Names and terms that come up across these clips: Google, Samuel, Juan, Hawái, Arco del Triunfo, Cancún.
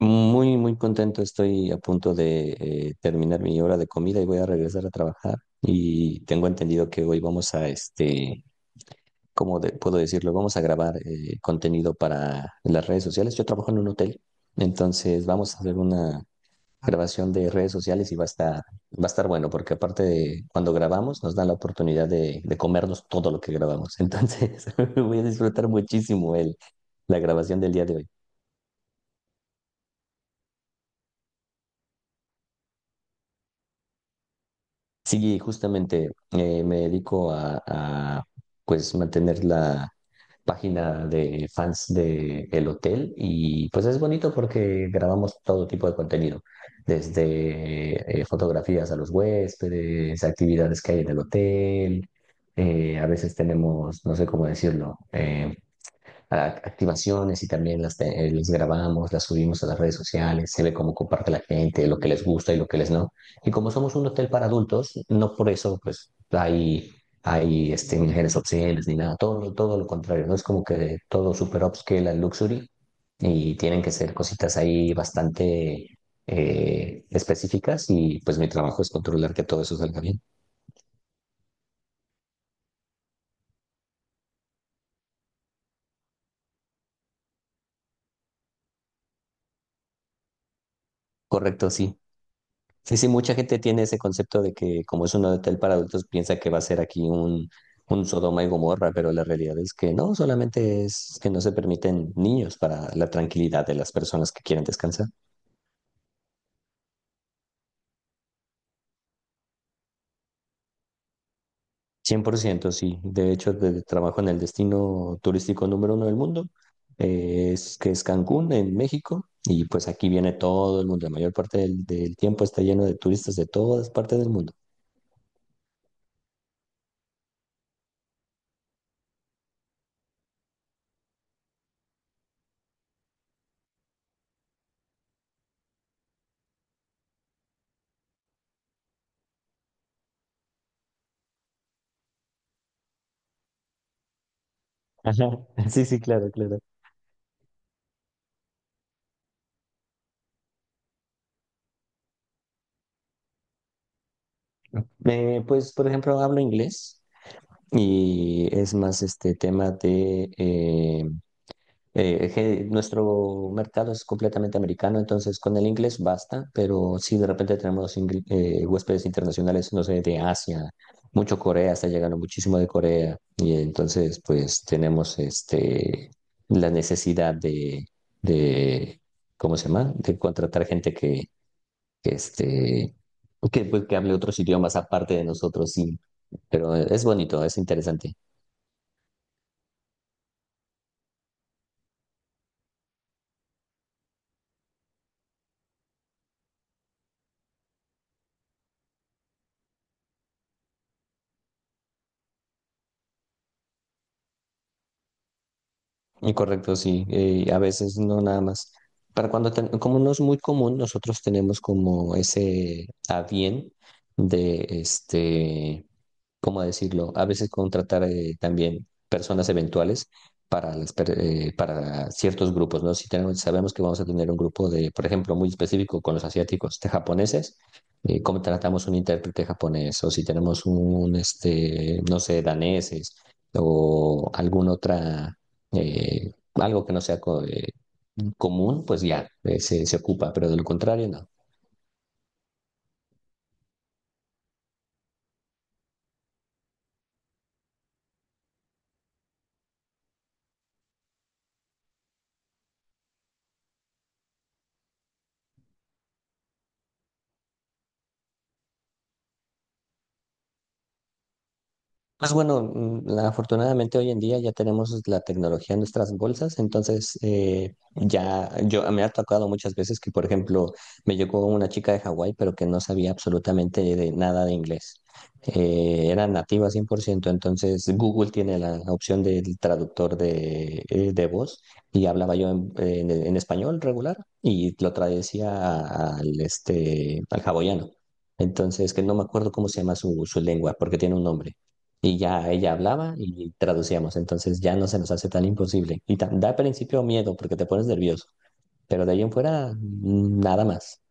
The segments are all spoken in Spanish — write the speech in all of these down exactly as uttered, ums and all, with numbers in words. Muy, muy contento. Estoy a punto de eh, terminar mi hora de comida y voy a regresar a trabajar. Y tengo entendido que hoy vamos a, este, ¿cómo de- puedo decirlo? Vamos a grabar eh, contenido para las redes sociales. Yo trabajo en un hotel, entonces vamos a hacer una grabación de redes sociales y va a estar, va a estar bueno, porque aparte de cuando grabamos nos dan la oportunidad de, de comernos todo lo que grabamos. Entonces voy a disfrutar muchísimo el, la grabación del día de hoy. Sí, justamente eh, me dedico a, a, pues mantener la página de fans de el hotel y pues es bonito porque grabamos todo tipo de contenido, desde eh, fotografías a los huéspedes, actividades que hay en el hotel, eh, a veces tenemos, no sé cómo decirlo, eh, a- activaciones y también las, te- eh, las grabamos, las subimos a las redes sociales, se ve cómo comparte la gente, lo que les gusta y lo que les no. Y como somos un hotel para adultos, no por eso pues hay, hay este, mujeres obscenas ni nada, todo, todo lo contrario, no es como que todo super upscale al luxury y tienen que ser cositas ahí bastante eh, específicas y pues mi trabajo es controlar que todo eso salga bien. Correcto, sí. Sí, sí, mucha gente tiene ese concepto de que como es un hotel para adultos, piensa que va a ser aquí un, un Sodoma y Gomorra, pero la realidad es que no, solamente es que no se permiten niños para la tranquilidad de las personas que quieren descansar. Cien por ciento, sí. De hecho, de- trabajo en el destino turístico número uno del mundo, eh, es, que es Cancún, en México, y pues aquí viene todo el mundo. La mayor parte del, del tiempo está lleno de turistas de todas partes del mundo. Ajá. Sí, sí, claro, claro. Eh, pues, por ejemplo, hablo inglés. Y es más este tema de eh, eh, que nuestro mercado es completamente americano, entonces con el inglés basta, pero si de repente tenemos ingl- eh, huéspedes internacionales, no sé, de Asia, mucho Corea, está llegando muchísimo de Corea, y entonces pues tenemos este la necesidad de, de ¿cómo se llama? De contratar gente que, que este que, pues, que hable otros idiomas aparte de nosotros, sí, pero es bonito, es interesante. Y correcto, sí, eh, a veces no nada más. Para cuando, ten- como no es muy común, nosotros tenemos como ese a bien de este. ¿Cómo decirlo? A veces contratar eh, también personas eventuales para, las per- eh, para ciertos grupos, ¿no? Si tenemos, sabemos que vamos a tener un grupo de, por ejemplo, muy específico con los asiáticos, de japoneses, eh, contratamos un intérprete japonés, o si tenemos un, este, no sé, daneses, o alguna otra, eh, algo que no sea co- eh, común, pues ya, eh, se, se ocupa, pero de lo contrario, no. Pues bueno, mm, la- afortunadamente hoy en día ya tenemos la tecnología en nuestras bolsas, entonces eh, ya yo me ha tocado muchas veces que, por ejemplo, me llegó una chica de Hawái, pero que no sabía absolutamente de nada de inglés. Eh, era nativa cien por ciento. Entonces Google tiene la opción del traductor de, eh, de voz y hablaba yo en, en- en español regular y lo traducía a- al, este, al hawaiano. Entonces, que no me acuerdo cómo se llama su, su lengua, porque tiene un nombre. Y ya ella hablaba y traducíamos, entonces ya no se nos hace tan imposible. Y ta- da al principio miedo porque te pones nervioso, pero de ahí en fuera mm, nada más.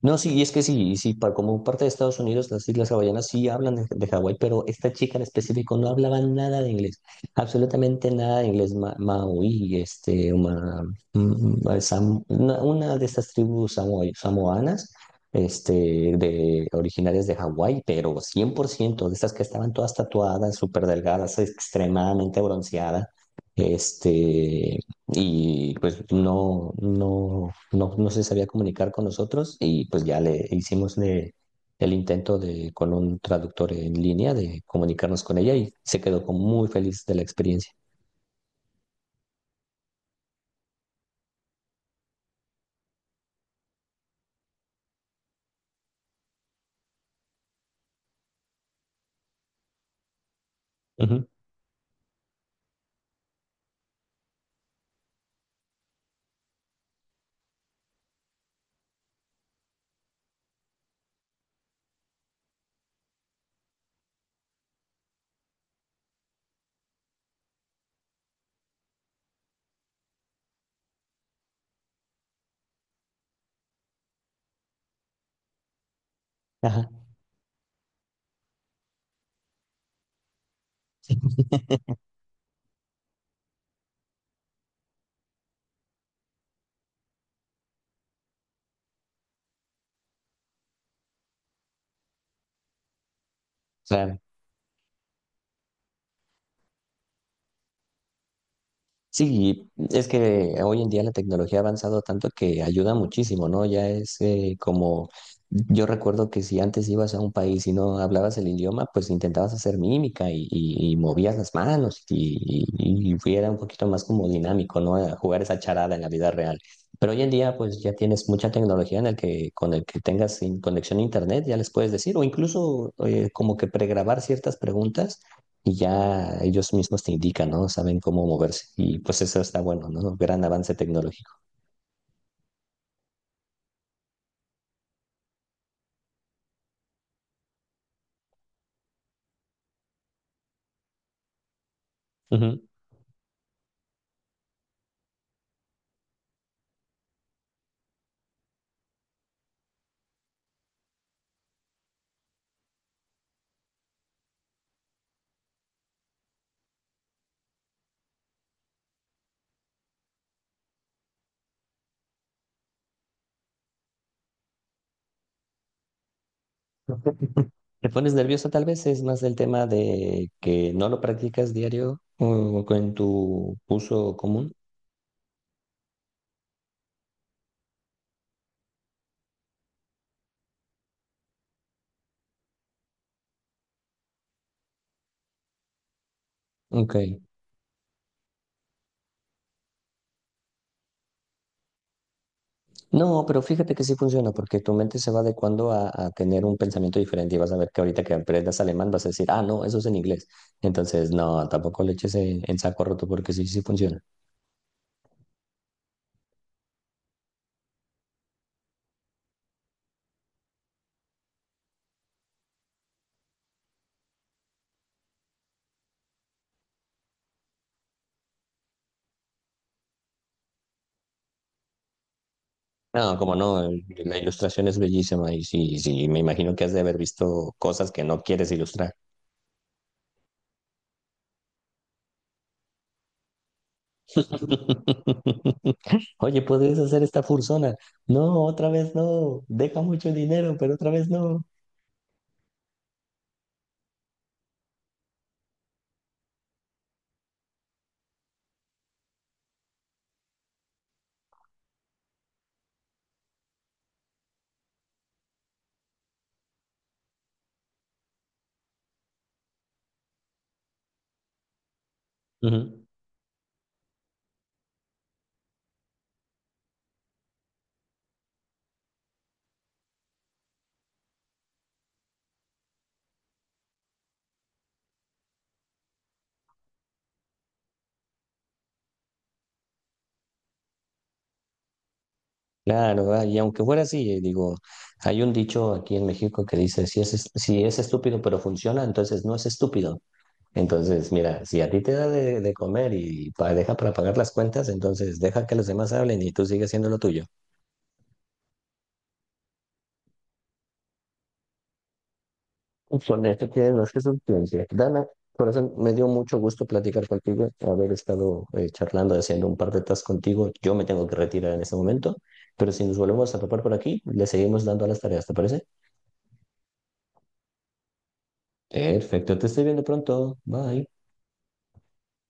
No, sí, y es que sí, y sí, pa- como parte de Estados Unidos, las Islas Hawaianas sí hablan de, de Hawái, pero esta chica en específico no hablaba nada de inglés, absolutamente nada de inglés ma- maorí, este, ma- mm, mm, sam- una, una de estas tribus samo- samoanas, este, de originarias de Hawái, pero cien por ciento de estas que estaban todas tatuadas, súper delgadas, extremadamente bronceadas, este, y pues no, no, no, no se sabía comunicar con nosotros y pues ya le hicimos le- el intento de, con un traductor en línea de comunicarnos con ella y se quedó como muy feliz de la experiencia. Ujú, Ajá, claro. Sí, es que hoy en día la tecnología ha avanzado tanto que ayuda muchísimo, ¿no? Ya es eh, como, yo recuerdo que si antes ibas a un país y no hablabas el idioma, pues intentabas hacer mímica y, y- y movías las manos y, y, y era un poquito más como dinámico, ¿no? A jugar esa charada en la vida real. Pero hoy en día, pues ya tienes mucha tecnología en el que con el que tengas in- conexión a internet, ya les puedes decir, o incluso eh, como que pregrabar ciertas preguntas y ya ellos mismos te indican, ¿no? Saben cómo moverse y pues eso está bueno, ¿no? Gran avance tecnológico. Ujú. ¿Te pones nervioso tal vez? Es más del tema de que no lo practicas diario o en tu uso común. Ok. No, pero fíjate que sí funciona porque tu mente se va adecuando a, a tener un pensamiento diferente y vas a ver que ahorita que aprendas alemán vas a decir, ah, no, eso es en inglés. Entonces, no, tampoco le eches en, en saco roto porque sí, sí funciona. No, como no, el- la ilustración es bellísima y sí, sí, me imagino que has de haber visto cosas que no quieres ilustrar. Oye, ¿puedes hacer esta fursona? No, otra vez no, deja mucho dinero, pero otra vez no. Ujú. Claro, ah, y aunque fuera así, eh, digo, hay un dicho aquí en México que dice, si es, es- si es estúpido pero funciona, entonces no es estúpido. Entonces, mira, si a ti te da de, de comer y pa- deja para pagar las cuentas, entonces deja que los demás hablen y tú sigues haciendo lo tuyo. Con esto tienes más que suficiente. Dana, por eso me dio mucho gusto platicar contigo, haber estado eh, charlando, haciendo un par de tasks contigo. Yo me tengo que retirar en este momento, pero si nos volvemos a topar por aquí, le seguimos dando a las tareas, ¿te parece? Perfecto, te estoy viendo pronto. Bye.